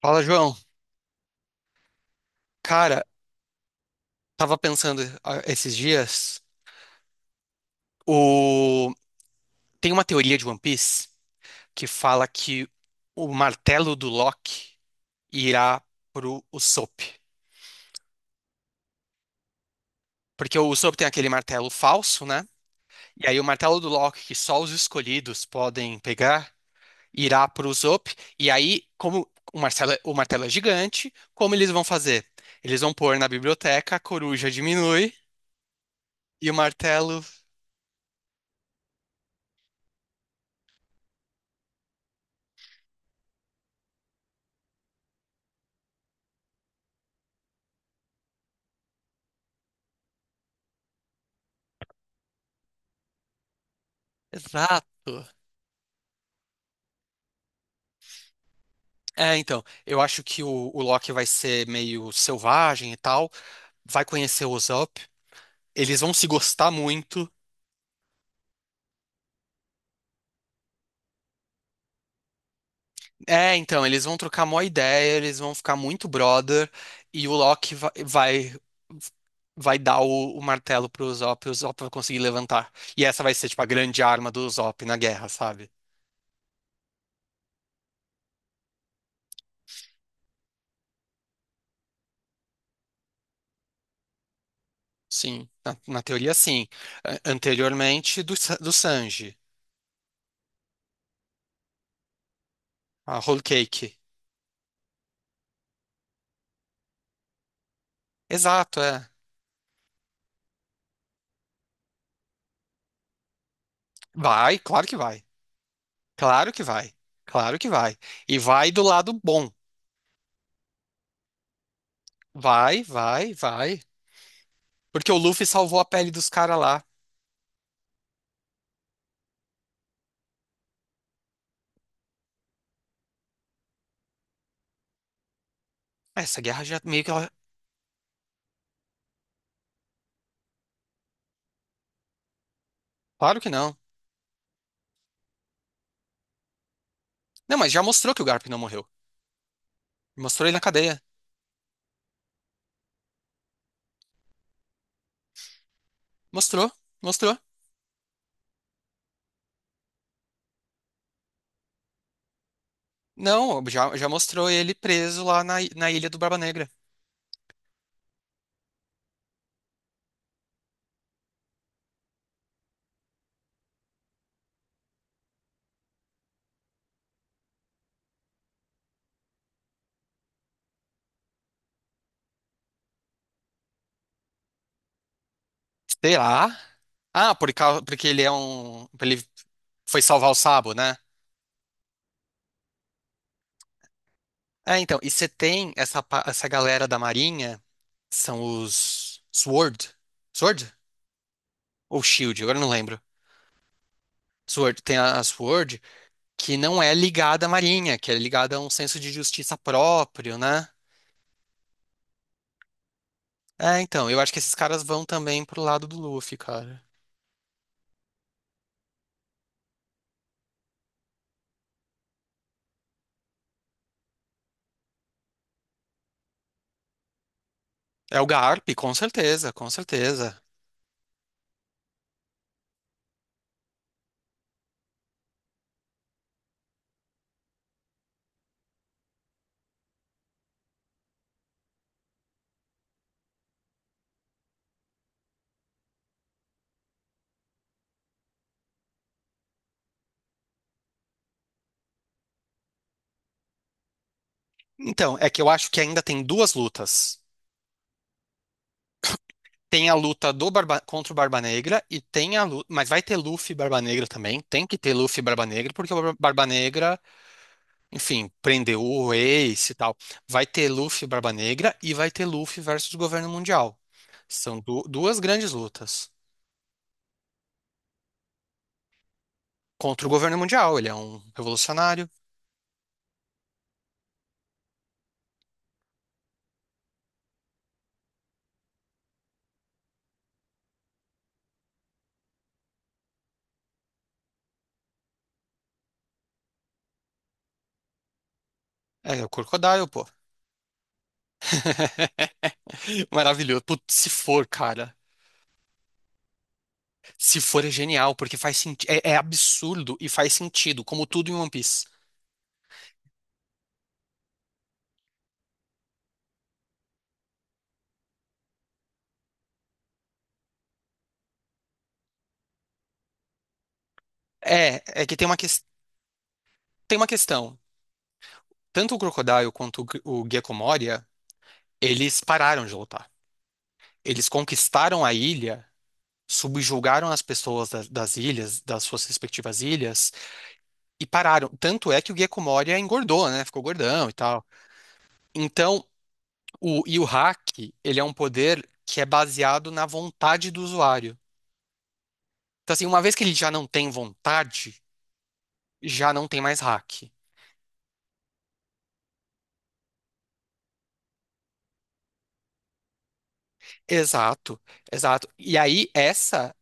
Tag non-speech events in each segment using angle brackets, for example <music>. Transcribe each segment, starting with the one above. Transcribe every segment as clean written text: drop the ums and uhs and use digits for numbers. Fala, João. Cara, tava pensando esses dias, o... tem uma teoria de One Piece que fala que o martelo do Loki irá pro Usopp. Porque o Usopp tem aquele martelo falso, né? E aí o martelo do Loki, que só os escolhidos podem pegar, irá pro Usopp. E aí, como o martelo, o martelo é gigante, como eles vão fazer? Eles vão pôr na biblioteca, a coruja diminui e o martelo... Exato. É, então, eu acho que o Loki vai ser meio selvagem e tal, vai conhecer o Usopp, eles vão se gostar muito. É, então, eles vão trocar mó ideia, eles vão ficar muito brother, e o Loki vai dar o martelo pro Usopp, e o Usopp vai conseguir levantar. E essa vai ser, tipo, a grande arma do Usopp na guerra, sabe? Sim, na teoria, sim. Anteriormente, do Sanji, a Whole Cake. Exato, é. Vai, claro que vai. Claro que vai. Claro que vai. E vai do lado bom. Vai, vai. Porque o Luffy salvou a pele dos caras lá. Essa guerra já meio que Claro que não. Não, mas já mostrou que o Garp não morreu. Mostrou ele na cadeia. Mostrou, mostrou. Não, já mostrou ele preso lá na ilha do Barba Negra. Sei lá. Porque ele é um. Ele foi salvar o Sabo, né? É, então. E você tem essa galera da Marinha, são os Sword. Sword? Ou Shield, agora não lembro. Sword, tem a Sword, que não é ligada à Marinha, que é ligada a um senso de justiça próprio, né? É, então, eu acho que esses caras vão também pro lado do Luffy, cara. É o Garp, com certeza, com certeza. Então, é que eu acho que ainda tem duas lutas. Tem a luta contra o Barba Negra e tem a luta. Mas vai ter Luffy e Barba Negra também. Tem que ter Luffy e Barba Negra, porque o Barba Negra enfim, prender o Ace e tal. Vai ter Luffy e Barba Negra e vai ter Luffy versus o governo mundial. São duas grandes lutas contra o governo mundial. Ele é um revolucionário. É, o Crocodile, pô. <laughs> Maravilhoso. Putz, se for, cara. Se for, é genial, porque faz sentido. É, é absurdo e faz sentido, como tudo em One Piece. É, é que tem tem uma questão. Tanto o Crocodile quanto o Gecko Moria, eles pararam de lutar. Eles conquistaram a ilha subjugaram as pessoas das ilhas, das suas respectivas ilhas, e pararam. Tanto é que o Gecko engordou, né? Ficou gordão e tal. Então, e o hack, ele é um poder que é baseado na vontade do usuário. Então, assim, uma vez que ele já não tem vontade, já não tem mais hack. Exato, exato. E aí,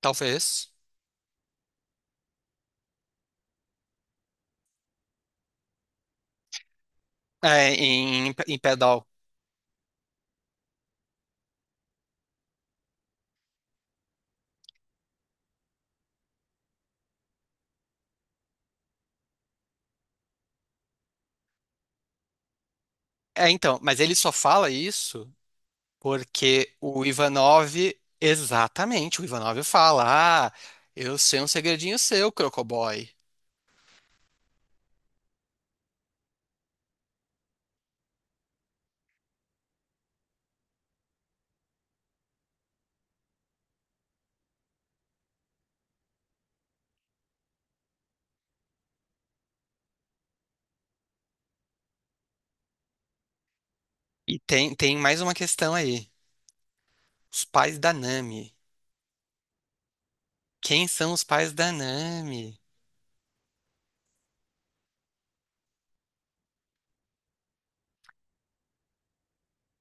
talvez, é, em Pedal. É, então, mas ele só fala isso porque o Ivanov, exatamente, o Ivanov fala: Ah, eu sei um segredinho seu, Crocoboy. E tem, tem mais uma questão aí: os pais da Nami. Quem são os pais da Nami?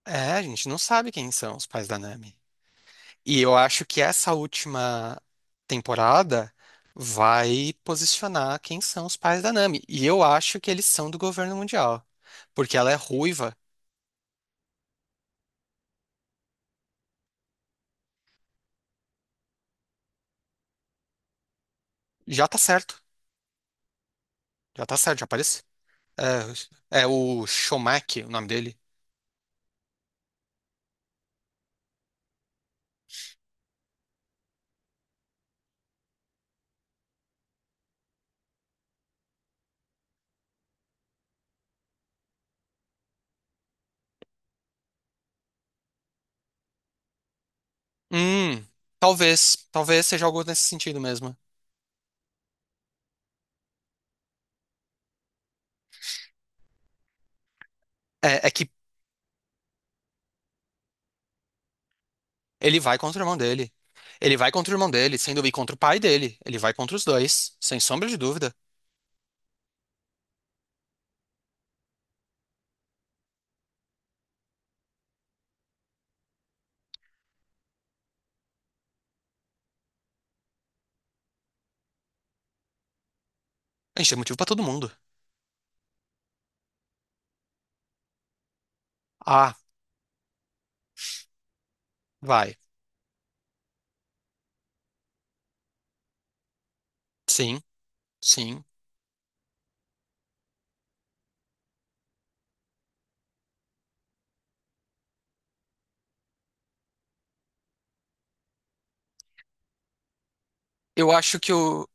É, a gente não sabe quem são os pais da Nami. E eu acho que essa última temporada vai posicionar quem são os pais da Nami. E eu acho que eles são do governo mundial. Porque ela é ruiva. Já tá certo. Já tá certo, já apareceu. É, é o Shomak, o nome dele. Hum, talvez. Talvez seja algo nesse sentido mesmo. É, é que ele vai contra o irmão dele. Ele vai contra o irmão dele, sem dúvida, e contra o pai dele. Ele vai contra os dois, sem sombra de dúvida. A gente tem motivo pra todo mundo. Ah, vai. Sim, sim. Eu acho que o.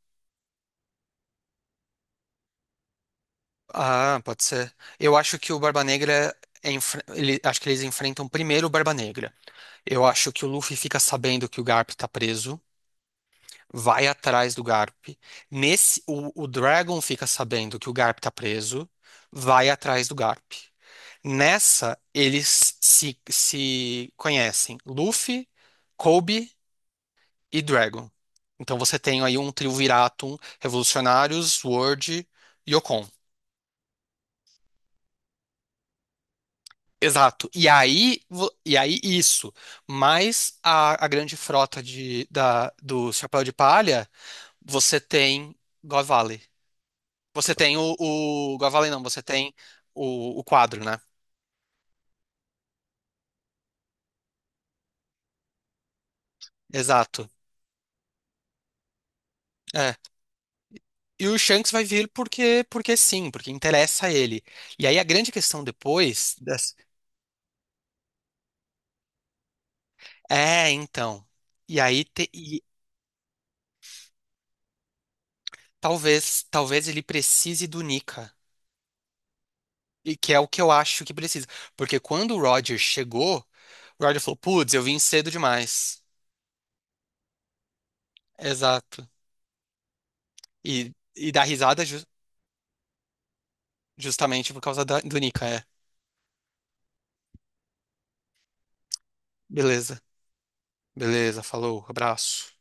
Ah, pode ser. Eu acho que o Barba Negra. Acho que eles enfrentam primeiro o Barba Negra. Eu acho que o Luffy fica sabendo que o Garp tá preso. Vai atrás do Garp. Nesse, o Dragon fica sabendo que o Garp tá preso, vai atrás do Garp. Nessa, eles se conhecem, Luffy, Kobe e Dragon. Então você tem aí um trio Viratum, Revolucionários, Sword e Yokon. Exato. E aí, e aí isso, mais a grande frota do Chapéu de Palha, você tem God Valley. Você tem o Gavalen, não, você tem o quadro, né? Exato. É. E o Shanks vai vir porque, porque sim, porque interessa a ele. E aí a grande questão depois dessa- é, então. E aí te- e talvez ele precise do Nika, e que é o que eu acho que precisa, porque quando o Roger chegou, o Roger falou: "Putz, eu vim cedo demais". Exato. E e dá risada ju- justamente por causa do Nika, é. Beleza. Beleza, falou, abraço.